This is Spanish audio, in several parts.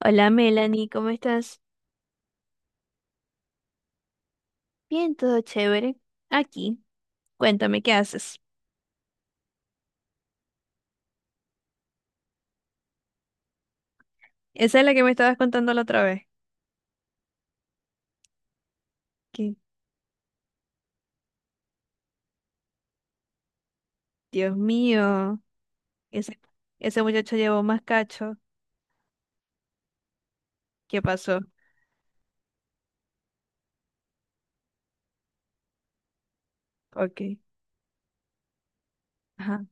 Hola Melanie, ¿cómo estás? Bien, todo chévere. Aquí, cuéntame, ¿qué haces? Esa es la que me estabas contando la otra vez. Que, Dios mío, ese, ese muchacho llevó más cacho. ¿Qué pasó? Ok, ajá,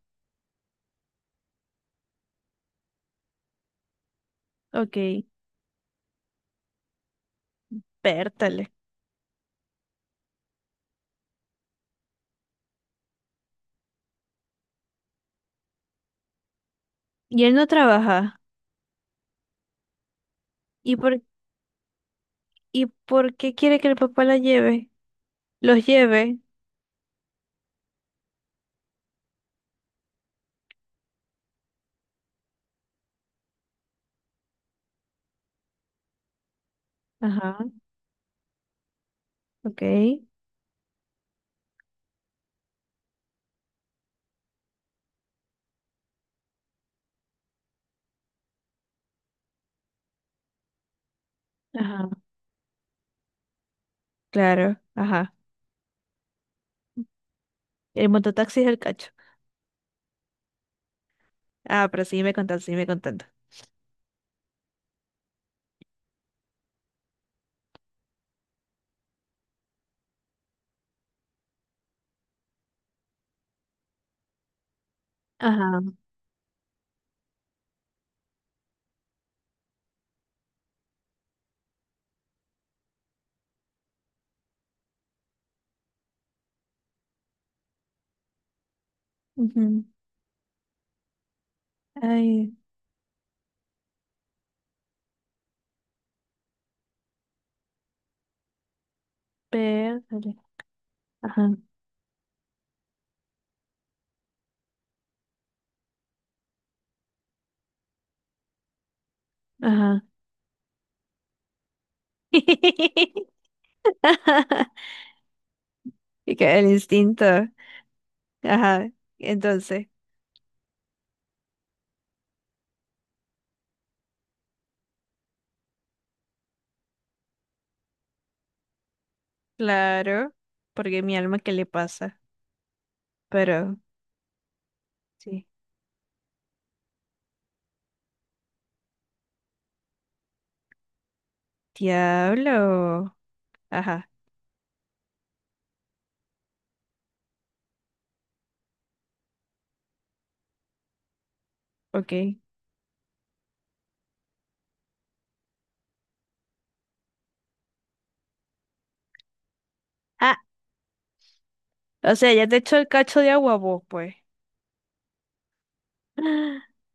ok, pértale. Y él no trabaja. ¿Y por, ¿Y por qué quiere que el papá la lleve? Los lleve. Ajá, ok, ajá, claro, ajá. El mototaxi es el cacho. Ah, pero sí me contando, sí me contando. Ajá. Ujú. Ay, pértale. Ajá, ajá. Y que el instinto. Ajá. Entonces, claro, porque mi alma, ¿qué le pasa? Pero sí. Diablo. Ajá, ok. Ah, o sea, ya te echó el cacho de agua vos, pues.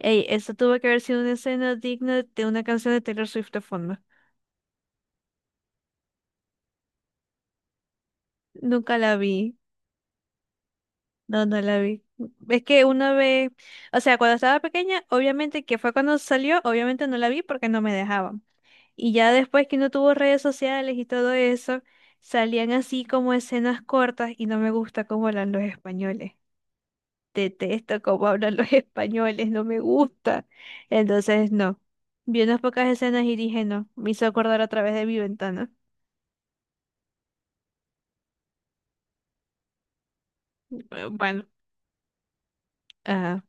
Ey, eso tuvo que haber sido una escena digna de una canción de Taylor Swift de fondo. Nunca la vi. No, no la vi. Es que una vez, o sea, cuando estaba pequeña, obviamente que fue cuando salió, obviamente no la vi porque no me dejaban. Y ya después que no tuvo redes sociales y todo eso, salían así como escenas cortas y no me gusta cómo hablan los españoles. Detesto cómo hablan los españoles, no me gusta. Entonces, no. Vi unas pocas escenas y dije, no, me hizo acordar a través de mi ventana. Bueno, ajá.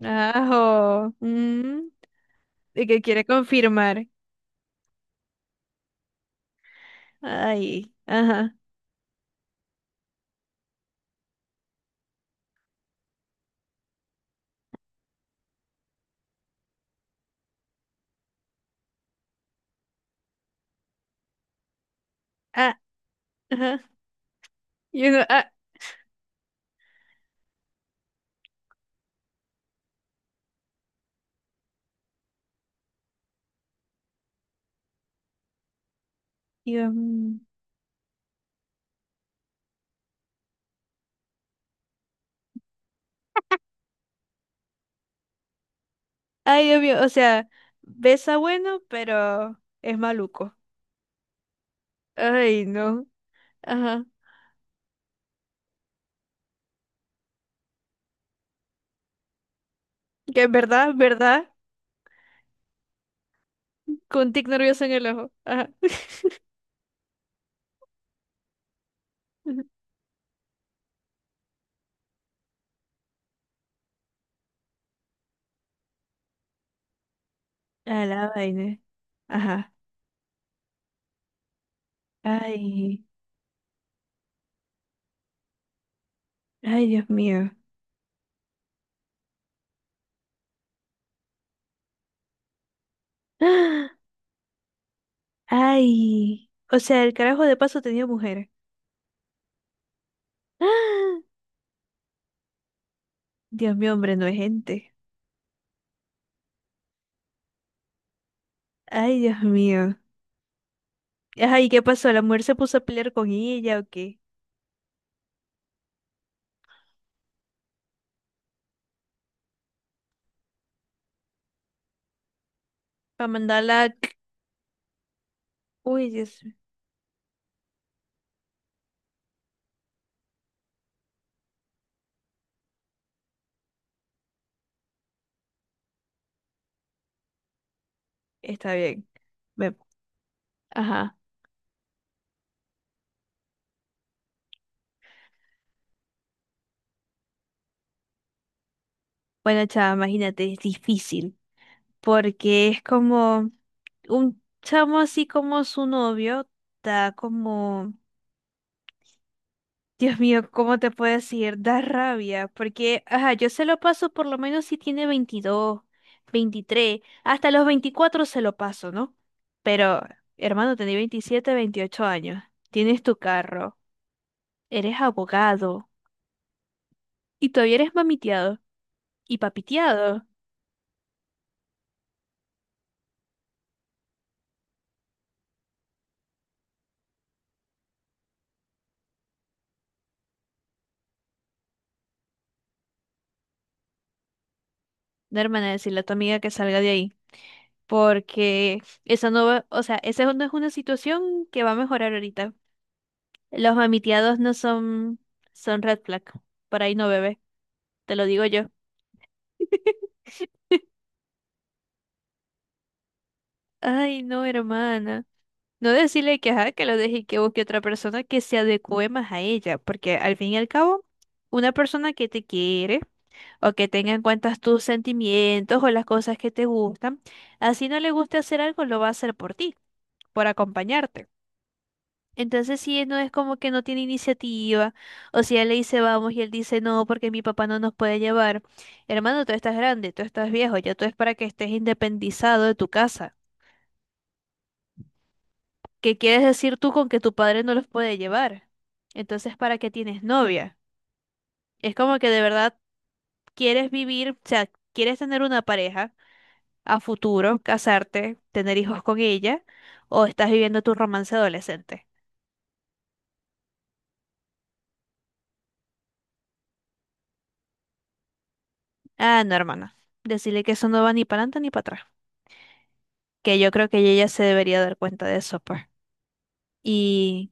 Ajo. Mm, ¿y qué quiere confirmar? Ay, ajá, ah, ajá. Y uno, ah, y uno, mm. Ay, Dios mío, o sea, besa bueno, pero es maluco. Ay, no, ajá. Que en verdad, con un tic nervioso en el ojo. Ajá. Ujú. A la vaina. Ajá. Ay, ay, Dios mío. Ah, ay, o sea, el carajo de paso tenía mujer. Ah, Dios mío, hombre, no es gente. Ay, Dios mío. Ajá, ¿y qué pasó? ¿La mujer se puso a pelear con ella o qué? Para mandarla. Uy, Dios, está bien. Ve- ajá. Bueno, chava, imagínate, es difícil porque es como un chamo así como su novio, da como, Dios mío, ¿cómo te puedo decir? Da rabia porque, ajá, yo se lo paso por lo menos si tiene 22 23 hasta los 24 se lo paso, ¿no? Pero, hermano, tenés 27 28 años, tienes tu carro, eres abogado y todavía eres mamiteado y papiteado. De hermana, decirle a tu amiga que salga de ahí, porque eso no va, o sea, esa no es una situación que va a mejorar ahorita. Los mamiteados no son, son red flag, por ahí no bebé, te lo digo yo. Ay, no, hermana. No decirle que, ajá, que lo deje y que busque otra persona que se adecue más a ella, porque al fin y al cabo, una persona que te quiere o que tenga en cuenta tus sentimientos o las cosas que te gustan, así no le guste hacer algo, lo va a hacer por ti, por acompañarte. Entonces sí, no es como que no tiene iniciativa, o si ella le dice vamos y él dice no porque mi papá no nos puede llevar. Hermano, tú estás grande, tú estás viejo, ya tú es para que estés independizado de tu casa. ¿Qué quieres decir tú con que tu padre no los puede llevar? Entonces, ¿para qué tienes novia? Es como que de verdad quieres vivir, o sea, quieres tener una pareja a futuro, casarte, tener hijos con ella, o estás viviendo tu romance adolescente. Ah, no, hermana, decirle que eso no va ni para adelante ni para atrás. Que yo creo que ella ya se debería dar cuenta de eso, pues. Y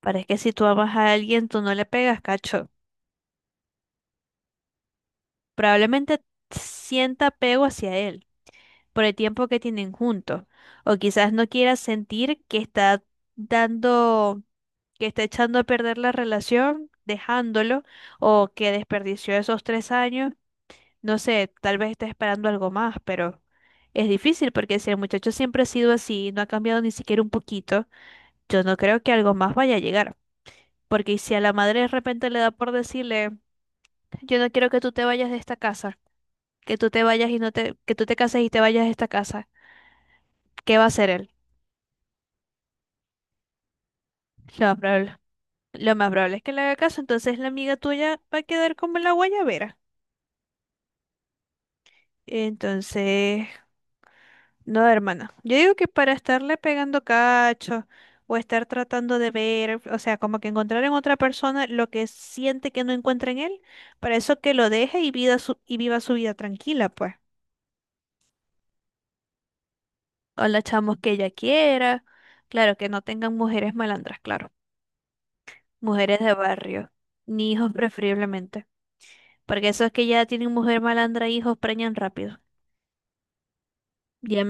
parece que si tú amas a alguien, tú no le pegas, cacho. Probablemente sienta apego hacia él por el tiempo que tienen juntos. O quizás no quiera sentir que está dando, que está echando a perder la relación, dejándolo, o que desperdició esos 3 años. No sé, tal vez está esperando algo más, pero es difícil porque si el muchacho siempre ha sido así, no ha cambiado ni siquiera un poquito, yo no creo que algo más vaya a llegar. Porque y si a la madre de repente le da por decirle, yo no quiero que tú te vayas de esta casa, que tú te vayas y no te, que tú te cases y te vayas de esta casa, ¿qué va a hacer él? Lo más probable, lo más probable es que le haga caso, entonces la amiga tuya va a quedar como la guayabera. Entonces, no, hermana. Yo digo que para estarle pegando cacho o estar tratando de ver, o sea, como que encontrar en otra persona lo que siente que no encuentra en él, para eso que lo deje y vida su- y viva su vida tranquila, pues. O la chamos que ella quiera. Claro, que no tengan mujeres malandras, claro. Mujeres de barrio, ni hijos preferiblemente. Porque esos que ya tienen mujer malandra, hijos preñan rápido. Ya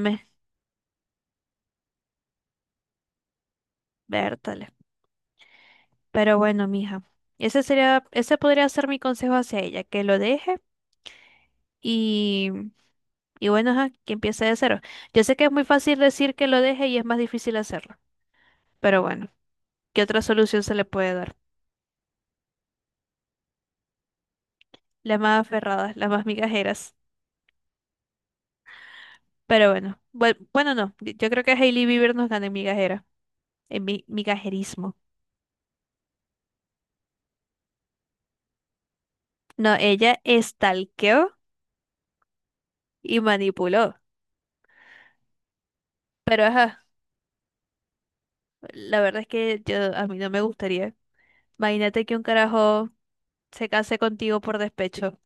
vértale. Pero bueno, mija. Ese sería, ese podría ser mi consejo hacia ella, que lo deje y, y bueno, ajá, que empiece de cero. Yo sé que es muy fácil decir que lo deje y es más difícil hacerlo. Pero bueno, ¿qué otra solución se le puede dar? Las más aferradas, las más migajeras. Pero bueno, bueno, no, yo creo que Hailey Bieber nos gana en migajera, en mi migajerismo. No, ella estalqueó y manipuló. Pero ajá, la verdad es que yo a mí no me gustaría. Imagínate que un carajo se case contigo por despecho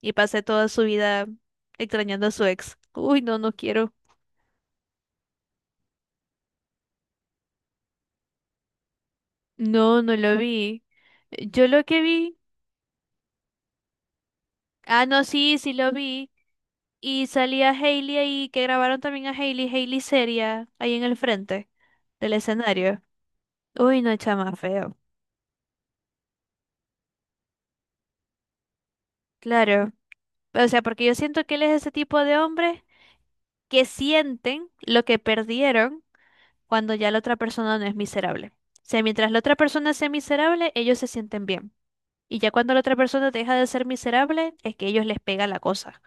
y pase toda su vida extrañando a su ex. Uy, no, no quiero. No, no lo vi. Yo lo que vi. Ah, no, sí, sí lo vi. Y salía Hailey ahí, que grabaron también a Hailey, Hailey seria, ahí en el frente del escenario. Uy, no, chama, feo. Claro. O sea, porque yo siento que él es ese tipo de hombres que sienten lo que perdieron cuando ya la otra persona no es miserable. O sea, mientras la otra persona sea miserable, ellos se sienten bien. Y ya cuando la otra persona deja de ser miserable, es que ellos les pega la cosa.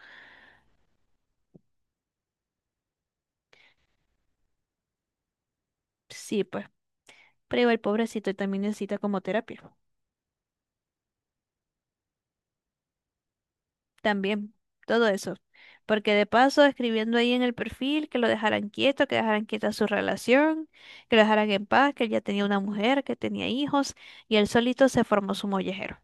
Sí, pues. Pero el pobrecito también necesita como terapia. También, todo eso. Porque de paso, escribiendo ahí en el perfil que lo dejaran quieto, que dejaran quieta su relación, que lo dejaran en paz, que él ya tenía una mujer, que tenía hijos, y él solito se formó su mollejero.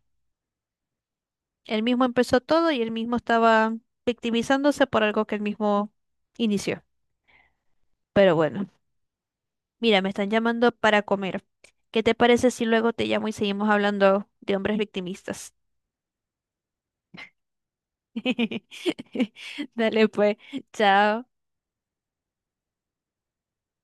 Él mismo empezó todo y él mismo estaba victimizándose por algo que él mismo inició. Pero bueno, mira, me están llamando para comer. ¿Qué te parece si luego te llamo y seguimos hablando de hombres victimistas? Dale pues, chao.